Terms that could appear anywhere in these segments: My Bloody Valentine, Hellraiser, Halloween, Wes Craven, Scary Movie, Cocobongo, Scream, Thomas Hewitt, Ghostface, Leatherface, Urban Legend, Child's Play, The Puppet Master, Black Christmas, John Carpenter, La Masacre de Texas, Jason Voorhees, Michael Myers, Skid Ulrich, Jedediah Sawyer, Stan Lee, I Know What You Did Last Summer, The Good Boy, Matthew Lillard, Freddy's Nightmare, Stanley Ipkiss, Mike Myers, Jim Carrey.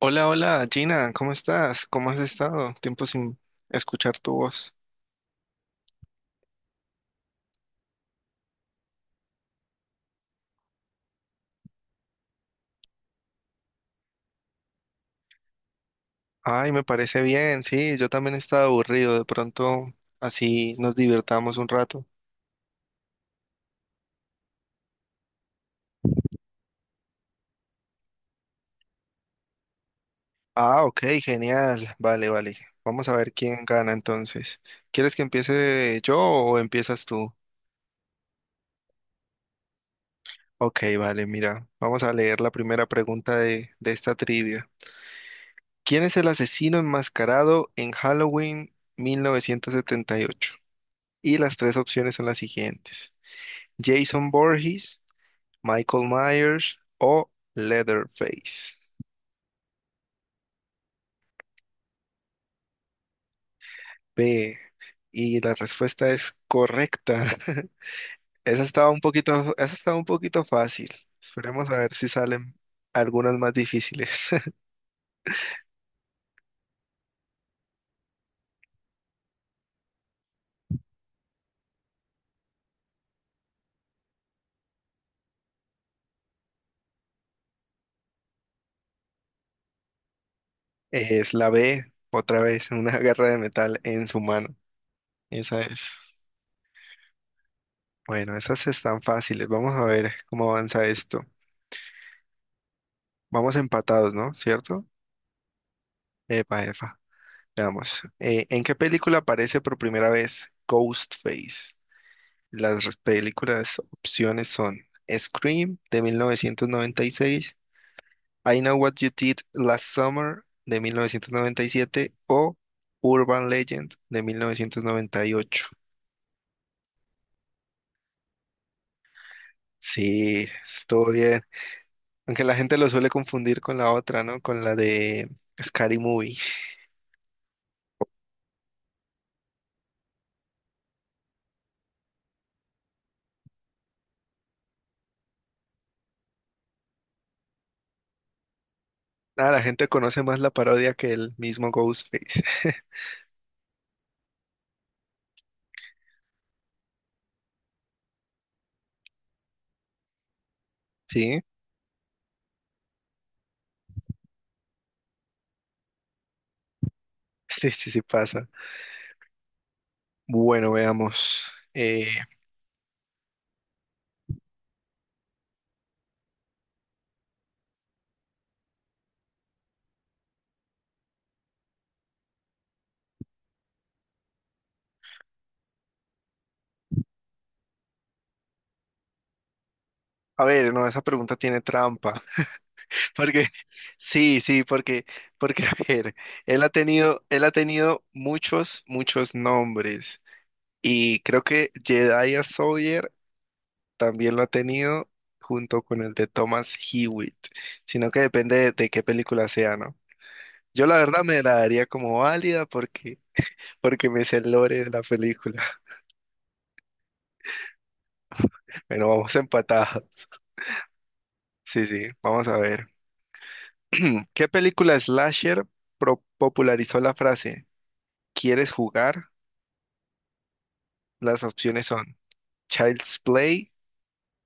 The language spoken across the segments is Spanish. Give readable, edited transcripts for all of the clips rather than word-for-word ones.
Hola, hola, Gina, ¿cómo estás? ¿Cómo has estado? Tiempo sin escuchar tu voz. Ay, me parece bien, sí, yo también estaba aburrido, de pronto así nos divertamos un rato. Ah, ok, genial, vale, vale. Vamos a ver quién gana entonces. ¿Quieres que empiece yo o empiezas tú? Ok, vale, mira, vamos a leer la primera pregunta de esta trivia. ¿Quién es el asesino enmascarado en Halloween 1978? Y ocho? Y las tres opciones son las siguientes. Jason Voorhees, Michael Myers o Leatherface. B. Y la respuesta es correcta. Esa estaba un poquito fácil. Esperemos a ver si salen algunas más difíciles. Es la B, otra vez, una garra de metal en su mano. Esa es. Bueno, esas están fáciles. Vamos a ver cómo avanza esto. Vamos empatados, ¿no? ¿Cierto? Epa, epa. Veamos. ¿En qué película aparece por primera vez Ghostface? Las res- películas opciones son Scream de 1996, I Know What You Did Last Summer de 1997 o Urban Legend de 1998. Sí, estuvo bien. Aunque la gente lo suele confundir con la otra, ¿no? Con la de Scary Movie. Nada, la gente conoce más la parodia que el mismo Ghostface. Sí, sí, sí, sí, pasa. Bueno, veamos. Eh, a ver, no, esa pregunta tiene trampa. Porque, sí, sí, porque, porque, A ver, él ha tenido muchos, muchos nombres. Y creo que Jedediah Sawyer también lo ha tenido junto con el de Thomas Hewitt. Sino que depende de qué película sea, ¿no? Yo la verdad me la daría como válida porque, Porque me sé el lore de la película. Bueno, vamos empatados. Sí, sí, vamos a ver. ¿Qué película slasher popularizó la frase "¿Quieres jugar?"? Las opciones son Child's Play,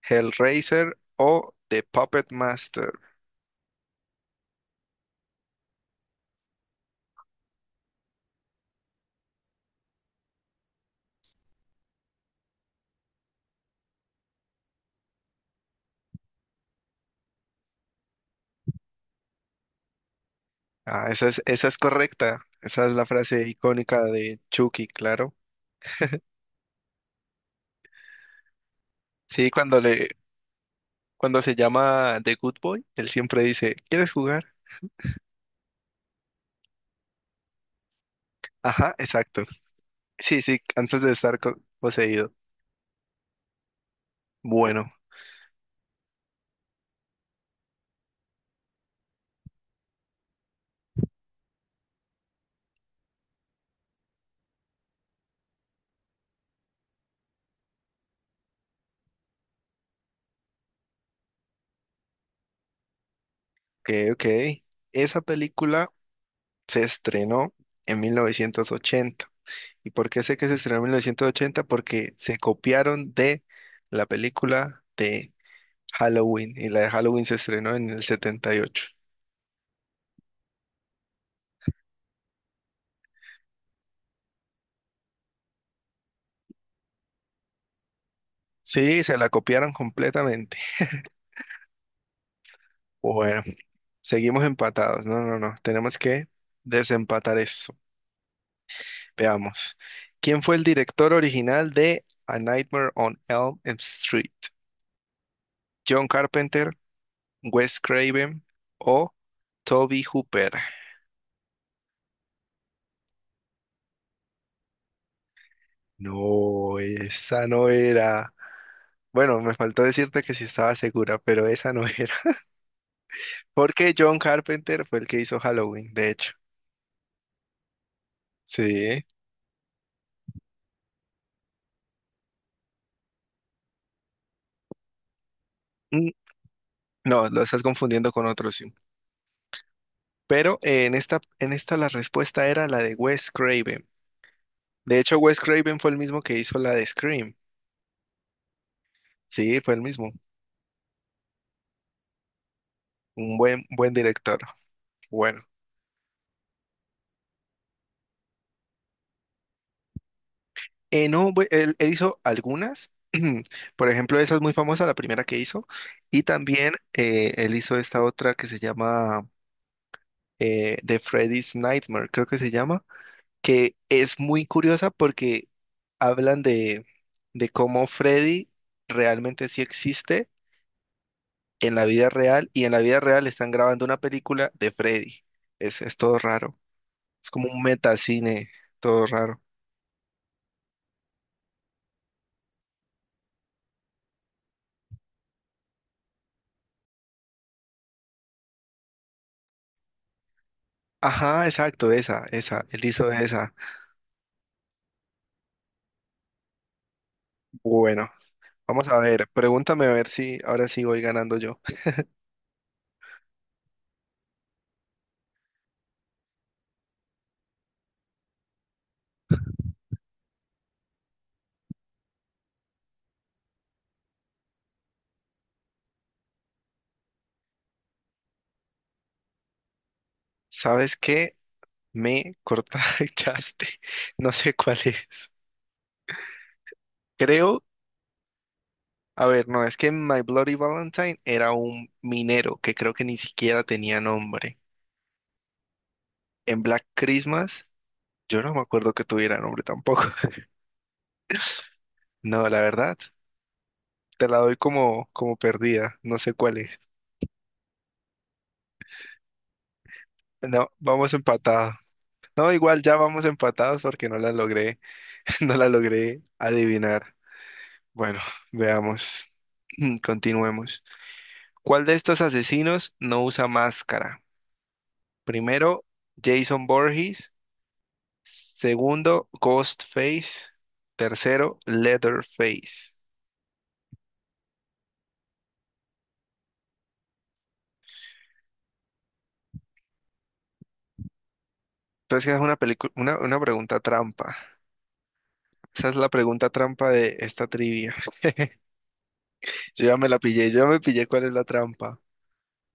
Hellraiser o The Puppet Master. Ah, esa es correcta. Esa es la frase icónica de Chucky, claro. Sí, cuando le, Cuando se llama The Good Boy, él siempre dice, "¿quieres jugar?". Ajá, exacto. Sí, sí, antes de estar poseído. Bueno, ok, ok. Esa película se estrenó en 1980. ¿Y por qué sé que se estrenó en 1980? Porque se copiaron de la película de Halloween, y la de Halloween se estrenó en el 78. Sí, se la copiaron completamente. Bueno, seguimos empatados. No, no, no. Tenemos que desempatar eso. Veamos. ¿Quién fue el director original de A Nightmare on Elm Street? ¿John Carpenter, Wes Craven o Toby Hooper? No, esa no era. Bueno, me faltó decirte que sí estaba segura, pero esa no era. Porque John Carpenter fue el que hizo Halloween, de hecho. Sí. Mm, no, lo estás confundiendo con otro, sí. Pero en esta la respuesta era la de Wes Craven. De hecho, Wes Craven fue el mismo que hizo la de Scream. Sí, fue el mismo. Un buen, buen director. Bueno. No, bu- él hizo algunas. Por ejemplo, esa es muy famosa, la primera que hizo. Y también él hizo esta otra que se llama de Freddy's Nightmare, creo que se llama, que es muy curiosa porque hablan de cómo Freddy realmente sí existe en la vida real, y en la vida real están grabando una película de Freddy. Es todo raro. Es como un metacine, todo raro. Ajá, exacto, esa, él hizo esa. Bueno, vamos a ver, pregúntame a ver si ahora sí voy ganando yo. ¿Sabes qué? Me cortaste, no sé cuál es. Creo a ver, no, es que My Bloody Valentine era un minero que creo que ni siquiera tenía nombre. En Black Christmas, yo no me acuerdo que tuviera nombre tampoco. No, la verdad, te la doy como perdida. No sé cuál es. No, vamos empatados. No, igual ya vamos empatados porque no la logré adivinar. Bueno, veamos, continuemos. ¿Cuál de estos asesinos no usa máscara? Primero, Jason Voorhees. Segundo, Ghostface. Tercero, Leatherface. Entonces, esa es una pregunta trampa. Esa es la pregunta trampa de esta trivia. Yo ya me la pillé, yo ya me pillé cuál es la trampa.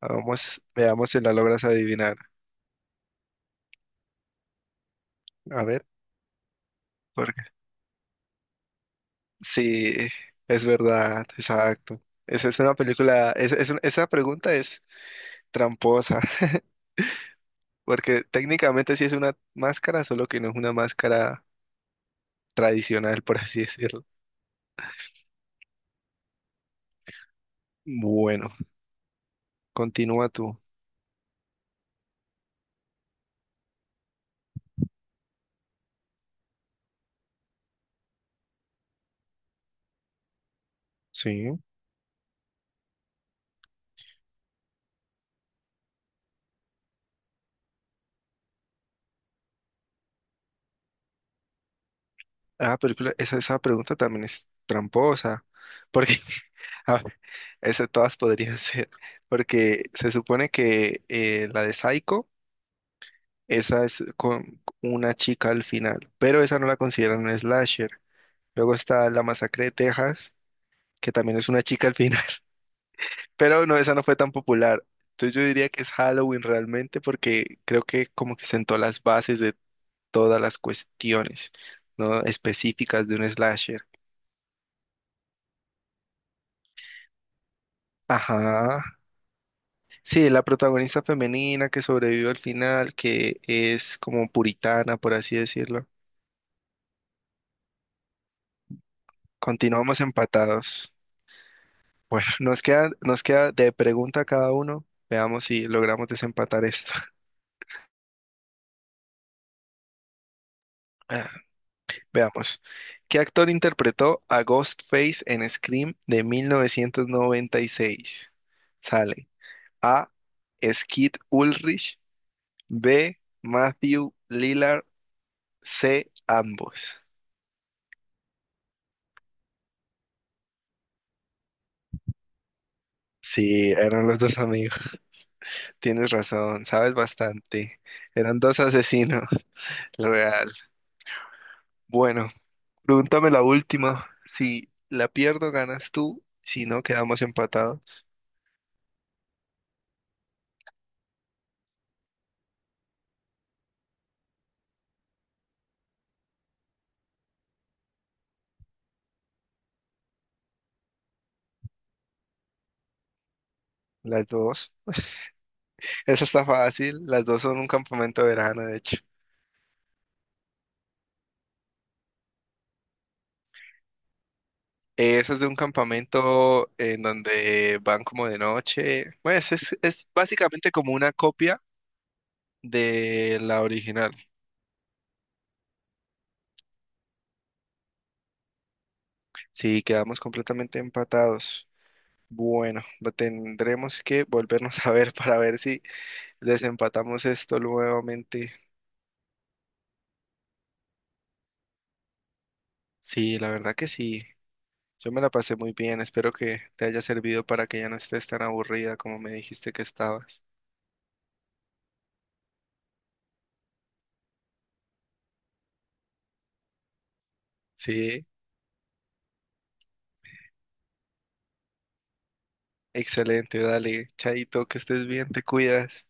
Vamos, veamos si la logras adivinar. A ver, porque sí, es verdad, exacto. Esa es una película, esa pregunta es tramposa, porque técnicamente sí es una máscara, solo que no es una máscara tradicional, por así decirlo. Bueno. Continúa tú. Sí. Ah, película, esa pregunta también es tramposa, porque a ver, esa todas podrían ser, porque se supone que la de Psycho, esa es con una chica al final, pero esa no la consideran un slasher. Luego está La Masacre de Texas, que también es una chica al final, pero no, esa no fue tan popular. Entonces yo diría que es Halloween realmente, porque creo que como que sentó las bases todas las cuestiones, ¿no? específicas de un slasher. Ajá. Sí, la protagonista femenina que sobrevive al final, que es como puritana, por así decirlo. Continuamos empatados. Bueno, nos queda de pregunta a cada uno. Veamos si logramos desempatar esto. Ah, veamos. ¿Qué actor interpretó a Ghostface en Scream de 1996? Sale A. Skid Ulrich, B, Matthew Lillard, C, ambos. Sí, eran los dos amigos. Tienes razón, sabes bastante. Eran dos asesinos, real. Bueno, pregúntame la última. Si la pierdo, ganas tú. Si no, quedamos empatados. Las dos. Esa está fácil. Las dos son un campamento de verano, de hecho. Esa es de un campamento en donde van como de noche. Pues es básicamente como una copia de la original. Sí, quedamos completamente empatados. Bueno, tendremos que volvernos a ver para ver si desempatamos esto nuevamente. Sí, la verdad que sí. Yo me la pasé muy bien. Espero que te haya servido para que ya no estés tan aburrida como me dijiste que estabas. Sí, excelente. Dale, Chaito, que estés bien, te cuidas.